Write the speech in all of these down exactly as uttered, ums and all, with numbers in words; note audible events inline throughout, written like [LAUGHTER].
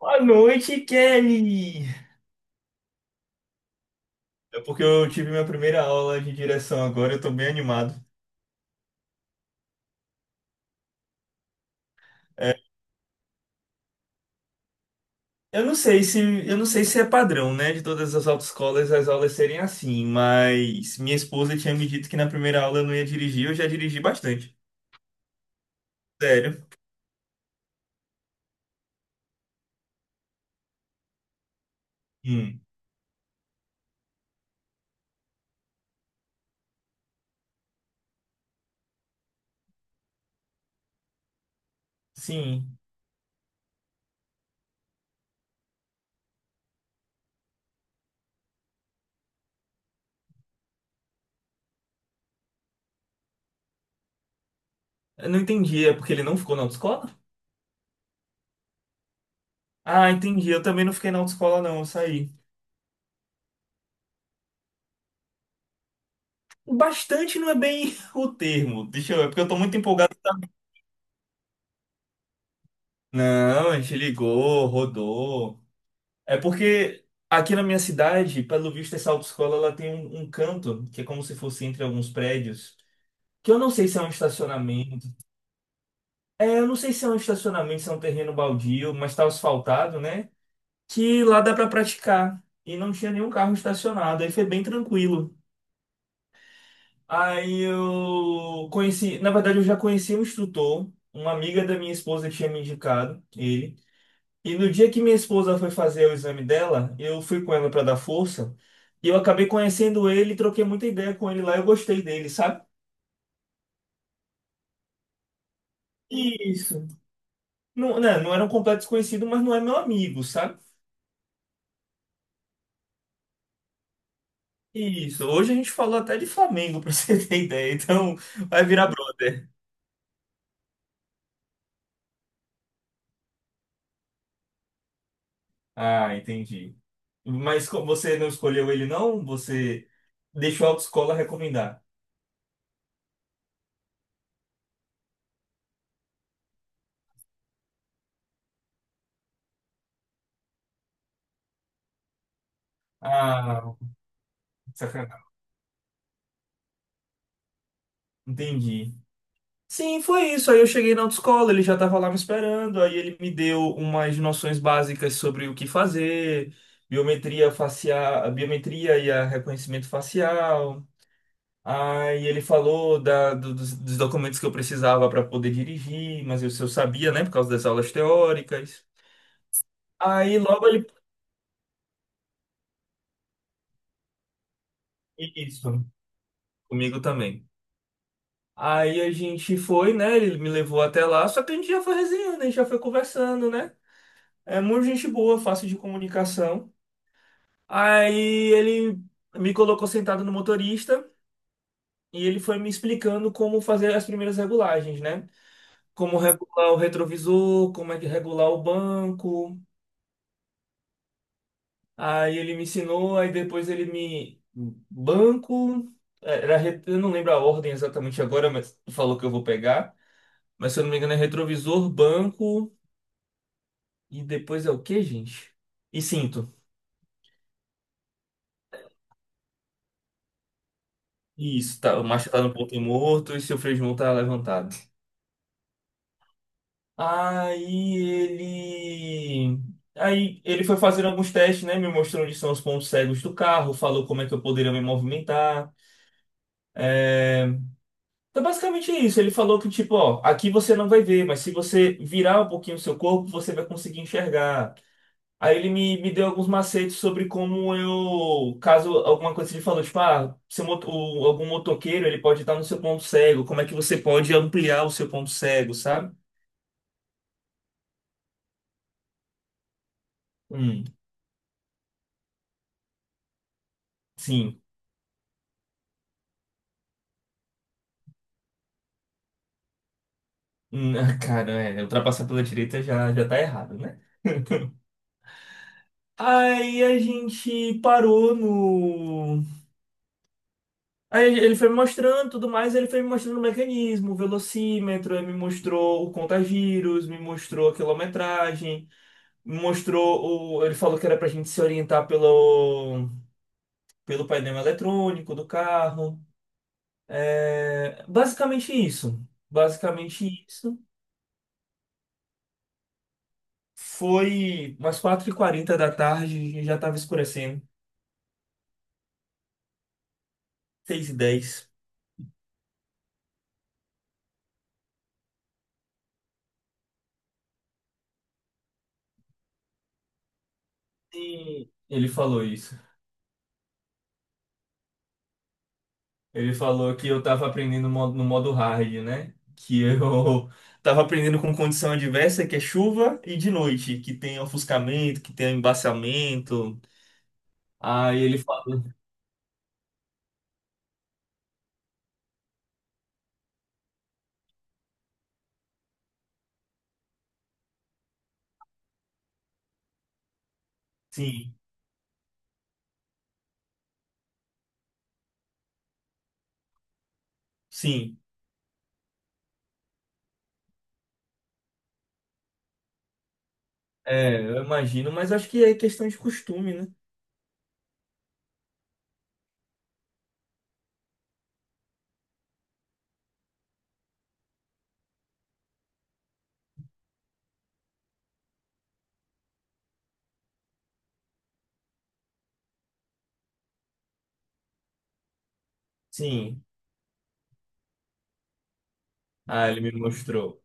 Boa noite, Kelly! É porque eu tive minha primeira aula de direção agora, eu tô bem animado. Eu não sei se, eu não sei se é padrão, né, de todas as autoescolas as aulas serem assim, mas minha esposa tinha me dito que na primeira aula eu não ia dirigir, eu já dirigi bastante. Sério? Hum. Sim. Eu não entendi, é porque ele não ficou na autoescola? Ah, entendi. Eu também não fiquei na autoescola, não, eu saí. Bastante não é bem [LAUGHS] o termo. Deixa eu ver, porque eu tô muito empolgado. Não, a gente ligou, rodou. É porque aqui na minha cidade, pelo visto, essa autoescola ela tem um, um canto que é como se fosse entre alguns prédios, que eu não sei se é um estacionamento. É, eu não sei se é um estacionamento, se é um terreno baldio, mas tá asfaltado, né? Que lá dá pra praticar. E não tinha nenhum carro estacionado, aí foi bem tranquilo. Aí eu conheci, na verdade, eu já conheci um instrutor, uma amiga da minha esposa tinha me indicado ele. E no dia que minha esposa foi fazer o exame dela, eu fui com ela para dar força. E eu acabei conhecendo ele, troquei muita ideia com ele lá, eu gostei dele, sabe? Isso. Não, né, não era um completo desconhecido, mas não é meu amigo, sabe? Isso. Hoje a gente falou até de Flamengo, [LAUGHS] pra você ter ideia. Então, vai virar brother. Ah, entendi. Mas co- você não escolheu ele, não? Você deixou a autoescola recomendar. Ah, sacanagem. Entendi. Sim, foi isso. Aí eu cheguei na autoescola, ele já estava lá me esperando, aí ele me deu umas noções básicas sobre o que fazer, biometria facial, a biometria e a reconhecimento facial. Aí ele falou da, do- dos, dos documentos que eu precisava para poder dirigir, mas eu eu sabia, né, por causa das aulas teóricas. Aí logo ele. Isso, comigo também. Aí a gente foi, né? Ele me levou até lá, só que a gente já foi resenhando, a gente já foi conversando, né? É muito gente boa, fácil de comunicação. Aí ele me colocou sentado no motorista e ele foi me explicando como fazer as primeiras regulagens, né? Como regular o retrovisor, como é que regular o banco. Aí ele me ensinou, aí depois ele me. Banco. É, era... re- Eu não lembro a ordem exatamente agora, mas falou que eu vou pegar. Mas se eu não me engano é retrovisor, banco e depois é o quê, gente? E cinto. Isso, tá, o macho tá no ponto morto e seu freio de mão tá levantado. Aí ele. Aí ele foi fazer alguns testes, né? Me mostrou onde são os pontos cegos do carro, falou como é que eu poderia me movimentar. É... Então, basicamente é isso. Ele falou que, tipo, ó, aqui você não vai ver, mas se você virar um pouquinho o seu corpo, você vai conseguir enxergar. Aí ele me, me deu alguns macetes sobre como eu. Caso alguma coisa ele falou, tipo, ah, seu moto- o- algum motoqueiro ele pode estar no seu ponto cego, como é que você pode ampliar o seu ponto cego, sabe? Hum, sim. Hum, ah, cara, é, ultrapassar pela direita já, já tá errado, né? [LAUGHS] Aí a gente parou no. Aí ele foi me mostrando tudo mais, ele foi me mostrando o mecanismo, o velocímetro, ele me mostrou o contagiros, me mostrou a quilometragem, me mostrou o. Ele falou que era pra gente se orientar pelo, pelo painel eletrônico do carro. É... Basicamente isso. Basicamente isso. Foi umas quatro e quarenta da tarde e já estava escurecendo. seis e dez. E ele falou isso. Ele falou que eu tava aprendendo mo- no modo hard, né? Que eu [LAUGHS] tava aprendendo com condição adversa, que é chuva, e de noite, que tem ofuscamento, que tem embaciamento. Aí ele falou, sim, sim. É, eu imagino, mas acho que é questão de costume, né? Sim. Ah, ele me mostrou.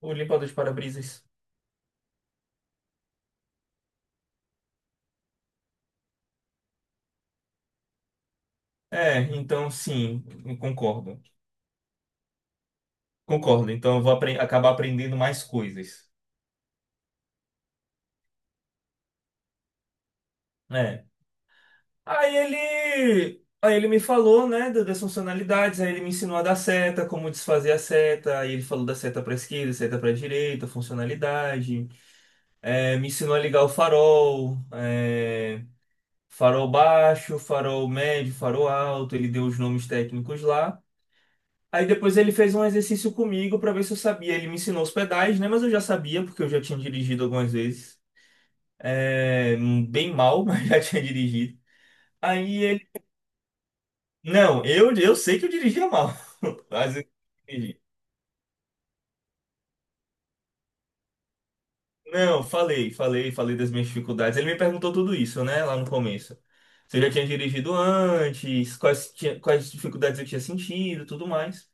O limpador de para-brisas. É, então sim, eu concordo. Concordo, então eu vou apren- acabar aprendendo mais coisas. É. Aí ele, aí ele me falou, né, da- das funcionalidades, aí ele me ensinou a dar seta, como desfazer a seta, aí ele falou da seta para esquerda, seta para direita, funcionalidade, é, me ensinou a ligar o farol, é, farol baixo, farol médio, farol alto, ele deu os nomes técnicos lá. Aí depois ele fez um exercício comigo para ver se eu sabia. Ele me ensinou os pedais, né, mas eu já sabia porque eu já tinha dirigido algumas vezes, é, bem mal, [LAUGHS] mas já tinha dirigido. Aí não, eu, eu sei que eu dirigia mal. [LAUGHS] Às vezes eu dirigi. Não, falei, falei, falei das minhas dificuldades. Ele me perguntou tudo isso, né, lá no começo. Se eu já tinha dirigido antes, quais, tinha- quais dificuldades eu tinha sentido, tudo mais.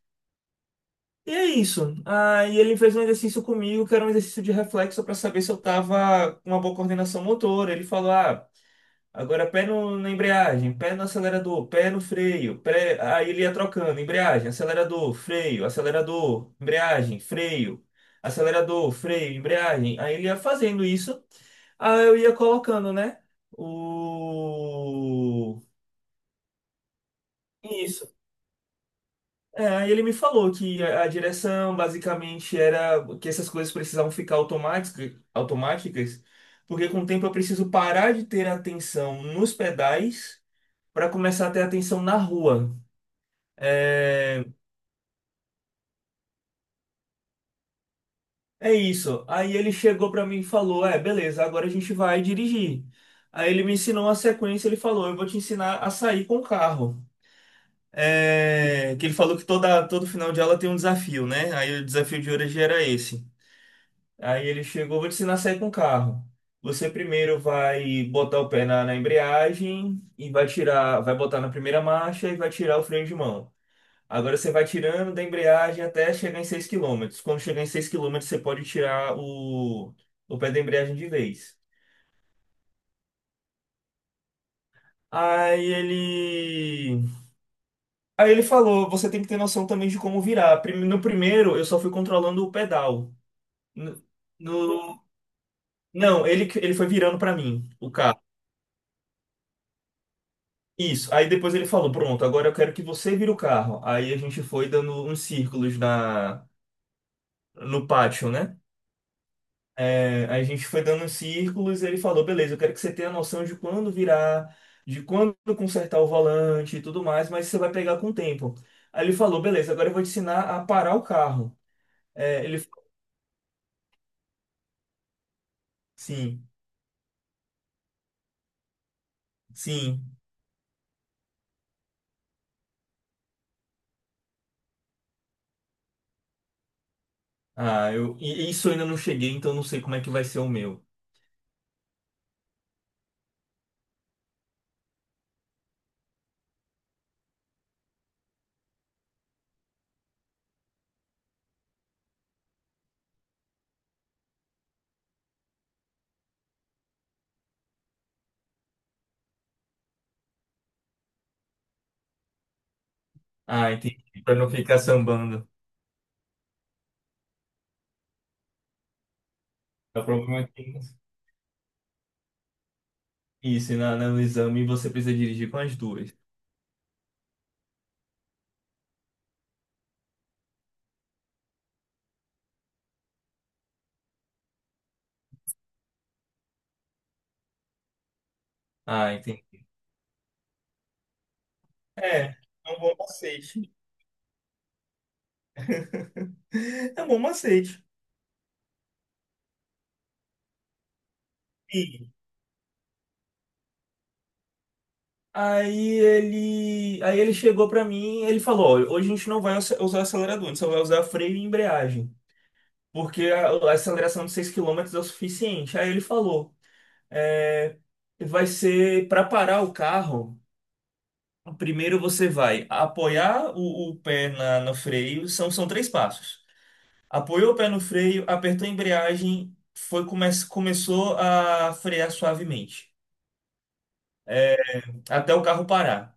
E é isso. Aí ele fez um exercício comigo, que era um exercício de reflexo para saber se eu tava com uma boa coordenação motora. Ele falou, ah, agora pé no, na embreagem, pé no acelerador, pé no freio, pé... aí ele ia trocando, embreagem, acelerador, freio, acelerador, embreagem, freio, acelerador, freio, embreagem. Aí ele ia fazendo isso, aí eu ia colocando, né? O... Isso. É, aí ele me falou que a, a direção basicamente era que essas coisas precisavam ficar automática, automáticas, porque com o tempo eu preciso parar de ter atenção nos pedais para começar a ter atenção na rua. É, é isso. Aí ele chegou para mim e falou: é, beleza, agora a gente vai dirigir. Aí ele me ensinou a sequência, ele falou: eu vou te ensinar a sair com o carro. É, que ele falou que toda, todo final de aula tem um desafio, né? Aí o desafio de hoje era esse. Aí ele chegou: vou te ensinar a sair com o carro. Você primeiro vai botar o pé na, na embreagem e vai tirar, vai botar na primeira marcha e vai tirar o freio de mão. Agora você vai tirando da embreagem até chegar em seis quilômetros. Quando chegar em seis quilômetros você pode tirar o, o pé da embreagem de vez. Aí ele. Aí ele falou: você tem que ter noção também de como virar. Prime- No primeiro, eu só fui controlando o pedal. No... no- não, ele, que- ele foi virando pra mim o carro. Isso. Aí depois ele falou: pronto, agora eu quero que você vire o carro. Aí a gente foi dando uns círculos na... no pátio, né? É, a gente foi dando uns círculos e ele falou, beleza, eu quero que você tenha noção de quando virar, de quando consertar o volante e tudo mais, mas você vai pegar com o tempo. Aí ele falou, beleza, agora eu vou te ensinar a parar o carro. É, ele falou, sim, sim. Ah, eu, e isso eu ainda não cheguei, então não sei como é que vai ser o meu. Ah, entendi. Pra não ficar sambando. É, o problema é que isso, e na, na- no exame você precisa dirigir com as duas. Ah, entendi. É, é um bom macete. [LAUGHS] É um bom macete. Aí ele, aí ele chegou pra mim, e ele falou, "Olha, hoje a gente não vai ac- usar acelerador, a gente só vai usar freio e embreagem, porque a, a aceleração de seis quilômetros é o suficiente. Aí ele falou, "É, vai ser para parar o carro, primeiro você vai apoiar o, o pé na, no freio, são, são três passos. Apoiou o pé no freio, apertou a embreagem, foi, come, começou a frear suavemente, é, até o carro parar.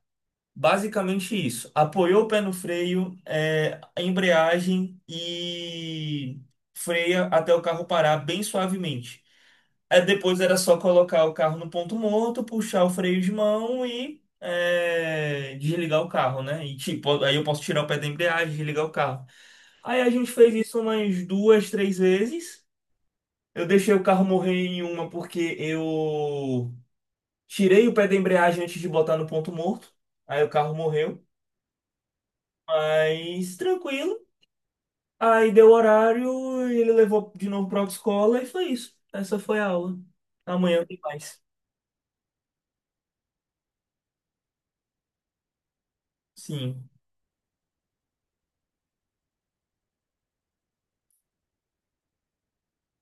Basicamente isso. Apoiou o pé no freio, é, a embreagem e freia até o carro parar bem suavemente. Aí depois era só colocar o carro no ponto morto, puxar o freio de mão e é, desligar o carro, né? E tipo, aí eu posso tirar o pé da embreagem, desligar o carro. Aí a gente fez isso umas duas, três vezes. Eu deixei o carro morrer em uma porque eu tirei o pé da embreagem antes de botar no ponto morto. Aí o carro morreu. Mas tranquilo. Aí deu horário, ele levou de novo para a escola e foi isso. Essa foi a aula. Amanhã tem mais. Sim,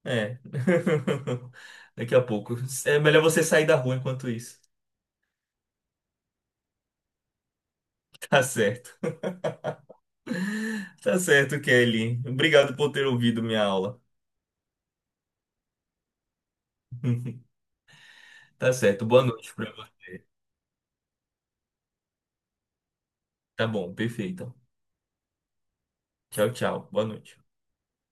é. [LAUGHS] Daqui a pouco. É melhor você sair da rua enquanto isso. Tá certo. [LAUGHS] Tá certo, Kelly. Obrigado por ter ouvido minha aula. [LAUGHS] Tá certo. Boa noite pra você. Tá bom, perfeito. Tchau, tchau. Boa noite.